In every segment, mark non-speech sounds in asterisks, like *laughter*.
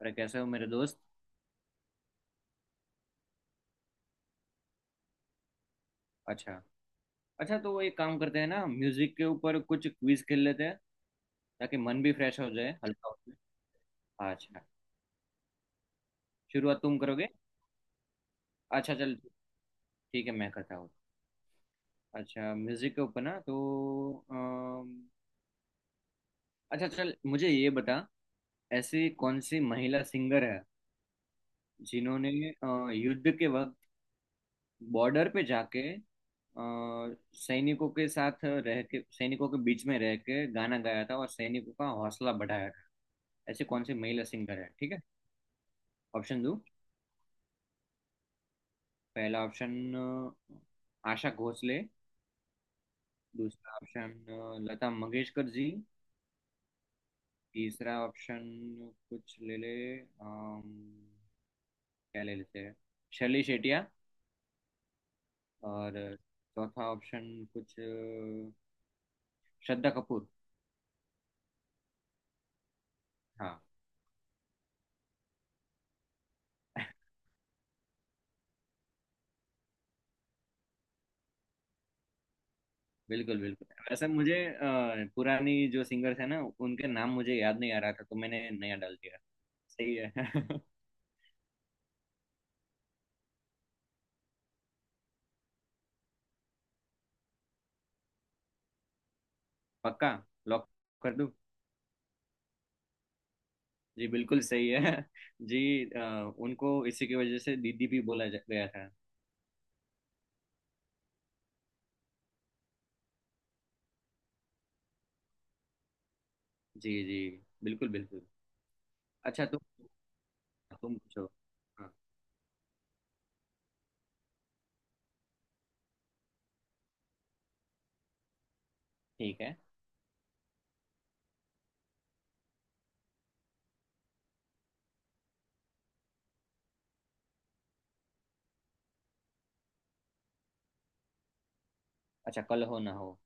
अरे कैसे हो मेरे दोस्त। अच्छा। अच्छा, तो एक काम करते हैं ना म्यूजिक के ऊपर कुछ क्विज खेल लेते हैं ताकि मन भी फ्रेश हो जाए हल्का हो जाए। अच्छा, शुरुआत तुम करोगे? अच्छा, चल ठीक है, मैं करता हूँ। अच्छा, म्यूजिक के ऊपर ना तो अम, अच्छा, चल मुझे ये बता। ऐसी कौन सी महिला सिंगर है जिन्होंने युद्ध के वक्त बॉर्डर पे जाके सैनिकों के साथ रह के सैनिकों के बीच में रह के गाना गाया था और सैनिकों का हौसला बढ़ाया था। ऐसे कौन से महिला सिंगर हैं? ठीक है। ऑप्शन दो। पहला ऑप्शन, आशा भोसले। दूसरा ऑप्शन, लता मंगेशकर जी। तीसरा ऑप्शन, कुछ ले ले, अम, क्या ले लेते हैं, शर्ली शेटिया। और चौथा ऑप्शन, कुछ श्रद्धा कपूर। हाँ। *laughs* बिल्कुल, बिल्कुल, वैसे मुझे पुरानी जो सिंगर्स है ना, उनके नाम मुझे याद नहीं आ रहा था तो मैंने नया डाल दिया। सही है। *laughs* पक्का। लॉक कर दूं? जी, बिल्कुल सही है। *laughs* जी, उनको इसी की वजह से दीदी भी बोला गया था। जी, जी, बिल्कुल, बिल्कुल। अच्छा, तुम पूछो। हाँ, ठीक है। अच्छा, कल हो ना हो।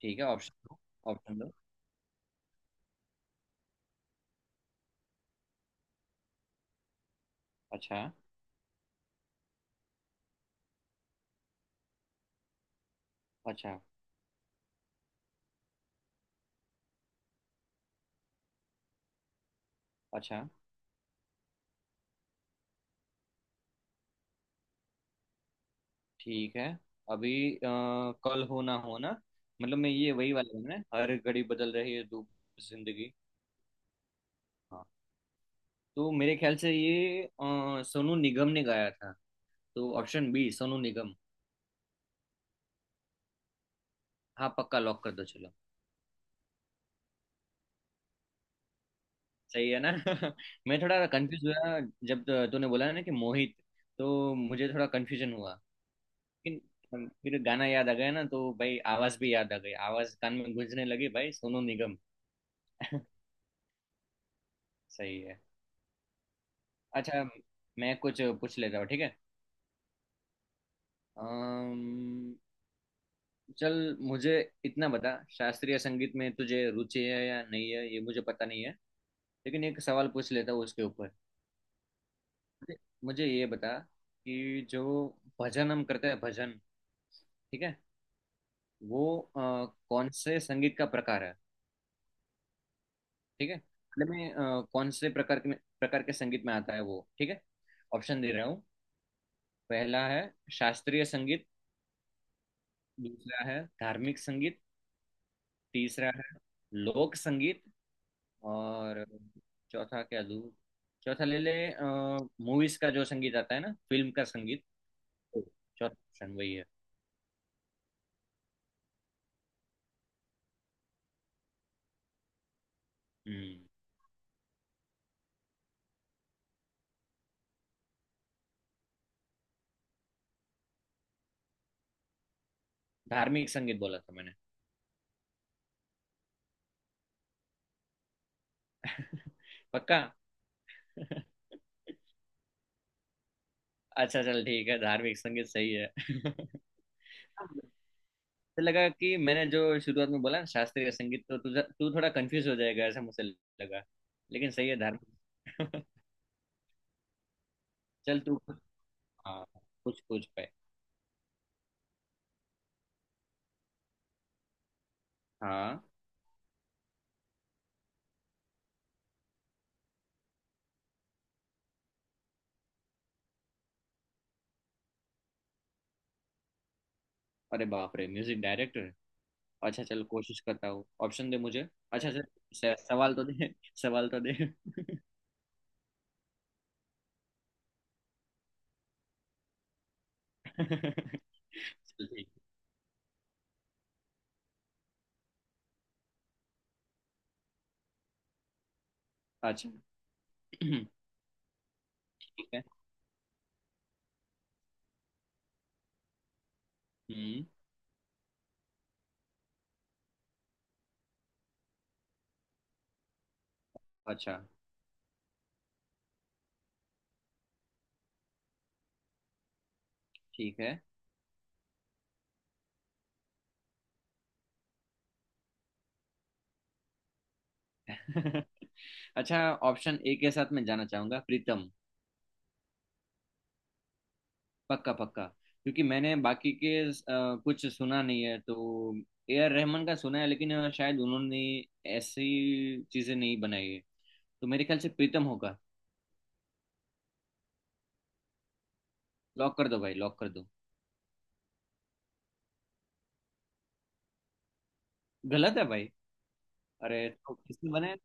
ठीक है, ऑप्शन दो। ऑप्शन दो। अच्छा। अच्छा। अच्छा। ठीक है। अभी कल हो ना हो ना, मतलब मैं ये वही वाला हूँ ना, हर घड़ी बदल रही है धूप जिंदगी। हाँ, तो मेरे ख्याल से ये सोनू निगम ने गाया था। तो ऑप्शन बी, सोनू निगम। हाँ, पक्का लॉक कर दो, चलो। सही है ना? *laughs* मैं थोड़ा कंफ्यूज हुआ जब तो तूने बोला ना कि मोहित, तो मुझे थोड़ा कंफ्यूजन हुआ। लेकिन फिर गाना याद आ गया ना तो भाई, आवाज भी याद आ गई, आवाज कान में गूंजने लगी, भाई सोनू निगम। *laughs* सही है। अच्छा, मैं कुछ पूछ लेता हूँ, ठीक है। अम्म, चल मुझे इतना बता, शास्त्रीय संगीत में तुझे रुचि है या नहीं है ये मुझे पता नहीं है, लेकिन एक सवाल पूछ लेता हूँ उसके ऊपर। मुझे मुझे ये बता कि जो भजन हम करते हैं, भजन, ठीक है, वो कौन से संगीत का प्रकार है? ठीक है, मतलब में कौन से प्रकार के संगीत में आता है वो, ठीक है। ऑप्शन दे रहा हूँ। पहला है शास्त्रीय संगीत। दूसरा है धार्मिक संगीत। तीसरा है लोक संगीत। और चौथा क्या दूँ? चौथा ले ले, मूवीज का जो संगीत आता है ना, फिल्म का संगीत, तो चौथा ऑप्शन वही है। हम्म। धार्मिक संगीत बोला था मैंने। *laughs* पक्का। अच्छा, चल ठीक है, धार्मिक संगीत सही है। *laughs* तो लगा कि मैंने जो शुरुआत में बोला ना शास्त्रीय संगीत, तो तुझे तू थोड़ा कंफ्यूज हो जाएगा ऐसा मुझे लगा। लेकिन सही है, धार्मिक। *laughs* चल तू हाँ, कुछ कुछ पे। हाँ। अरे बाप रे, म्यूजिक डायरेक्टर! अच्छा, चल कोशिश करता हूँ, ऑप्शन दे मुझे। अच्छा, चल सवाल तो दे। *laughs* सवाल तो दे। *laughs* चल ठीक। अच्छा। *clears throat* ठीक है। हम्म। अच्छा, ठीक है। *laughs* अच्छा, ऑप्शन ए के साथ मैं जाना चाहूंगा, प्रीतम। पक्का, पक्का। क्योंकि मैंने बाकी के कुछ सुना नहीं है तो। ए आर रहमान का सुना है लेकिन शायद उन्होंने ऐसी चीजें नहीं बनाई है। तो मेरे ख्याल से प्रीतम होगा। लॉक कर दो भाई, लॉक कर दो। गलत है भाई। अरे, तो किसने बनाया?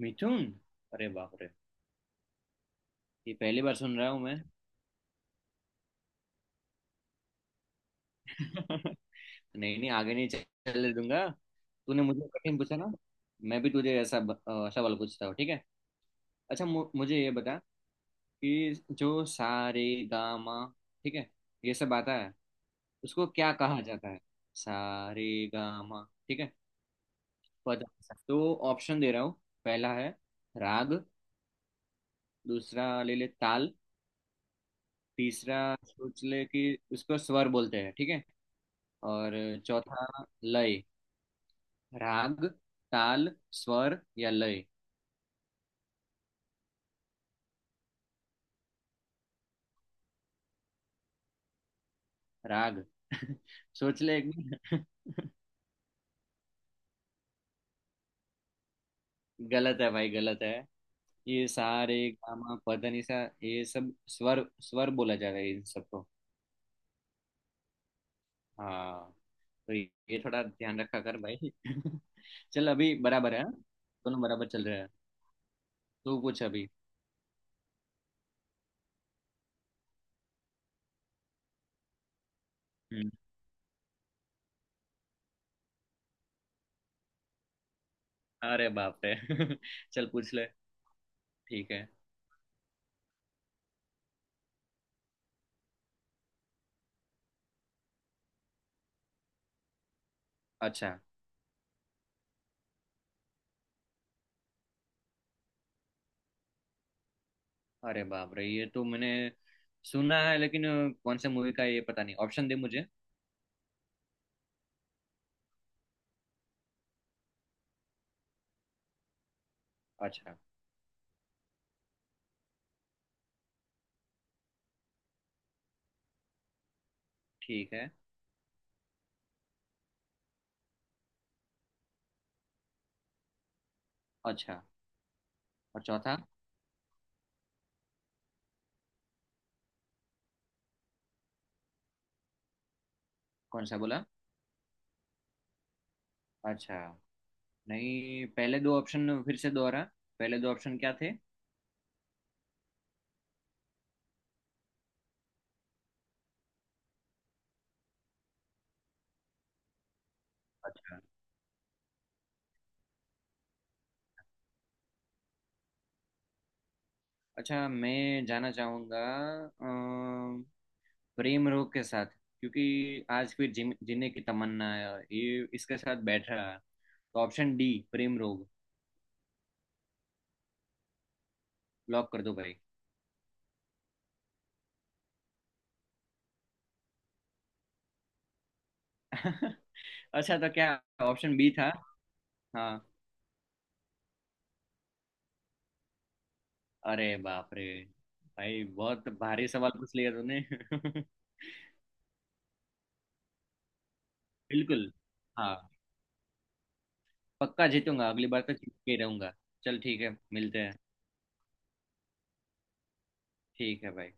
मिथुन? अरे बाप रे, ये पहली बार सुन रहा हूँ। मैं। *laughs* नहीं, नहीं, आगे नहीं चलने दूंगा। तूने मुझे कठिन पूछा ना, मैं भी तुझे ऐसा सवाल पूछता हूँ, ठीक है। अच्छा, मुझे ये बता कि जो सा रे गा मा, ठीक है, ये सब आता है, उसको क्या कहा जाता है? सा रे गा मा, ठीक है? पता तो, ऑप्शन दे रहा हूँ। पहला है राग। दूसरा ले ले ताल। तीसरा, सोच ले कि उसको स्वर बोलते हैं, ठीक है। और चौथा लय। राग, ताल, स्वर या लय। राग? *laughs* सोच ले एक बार। *laughs* गलत है भाई, गलत है। ये सारे गामा पदनिसा, ये सब स्वर, स्वर बोला जाता है इन सबको। हाँ, तो ये थोड़ा ध्यान रखा कर भाई। *laughs* चल, अभी बराबर है हाँ? दोनों बराबर चल रहे हैं। तू पूछ अभी। हम्म। अरे बाप रे। *laughs* चल पूछ ले, ठीक है। अच्छा। अरे बाप रे, ये तो मैंने सुना है लेकिन कौन से मूवी का है ये पता नहीं, ऑप्शन दे मुझे। अच्छा, ठीक है। अच्छा। और चौथा? कौन सा बोला? अच्छा, नहीं, पहले दो ऑप्शन फिर से दोहरा, पहले दो ऑप्शन क्या थे? अच्छा। अच्छा, मैं जाना चाहूंगा अम, प्रेम रोग के साथ। क्योंकि आज फिर जीने जीने की तमन्ना है, ये इसके साथ बैठ रहा। तो ऑप्शन डी, प्रेम रोग। लॉक कर दो भाई। *laughs* अच्छा, तो क्या ऑप्शन बी था? हाँ। अरे बाप रे, भाई बहुत भारी सवाल पूछ लिया तूने। *laughs* बिल्कुल। हाँ। पक्का जीतूंगा, अगली बार तो जीत के ही रहूंगा। चल ठीक है, मिलते हैं। ठीक है भाई।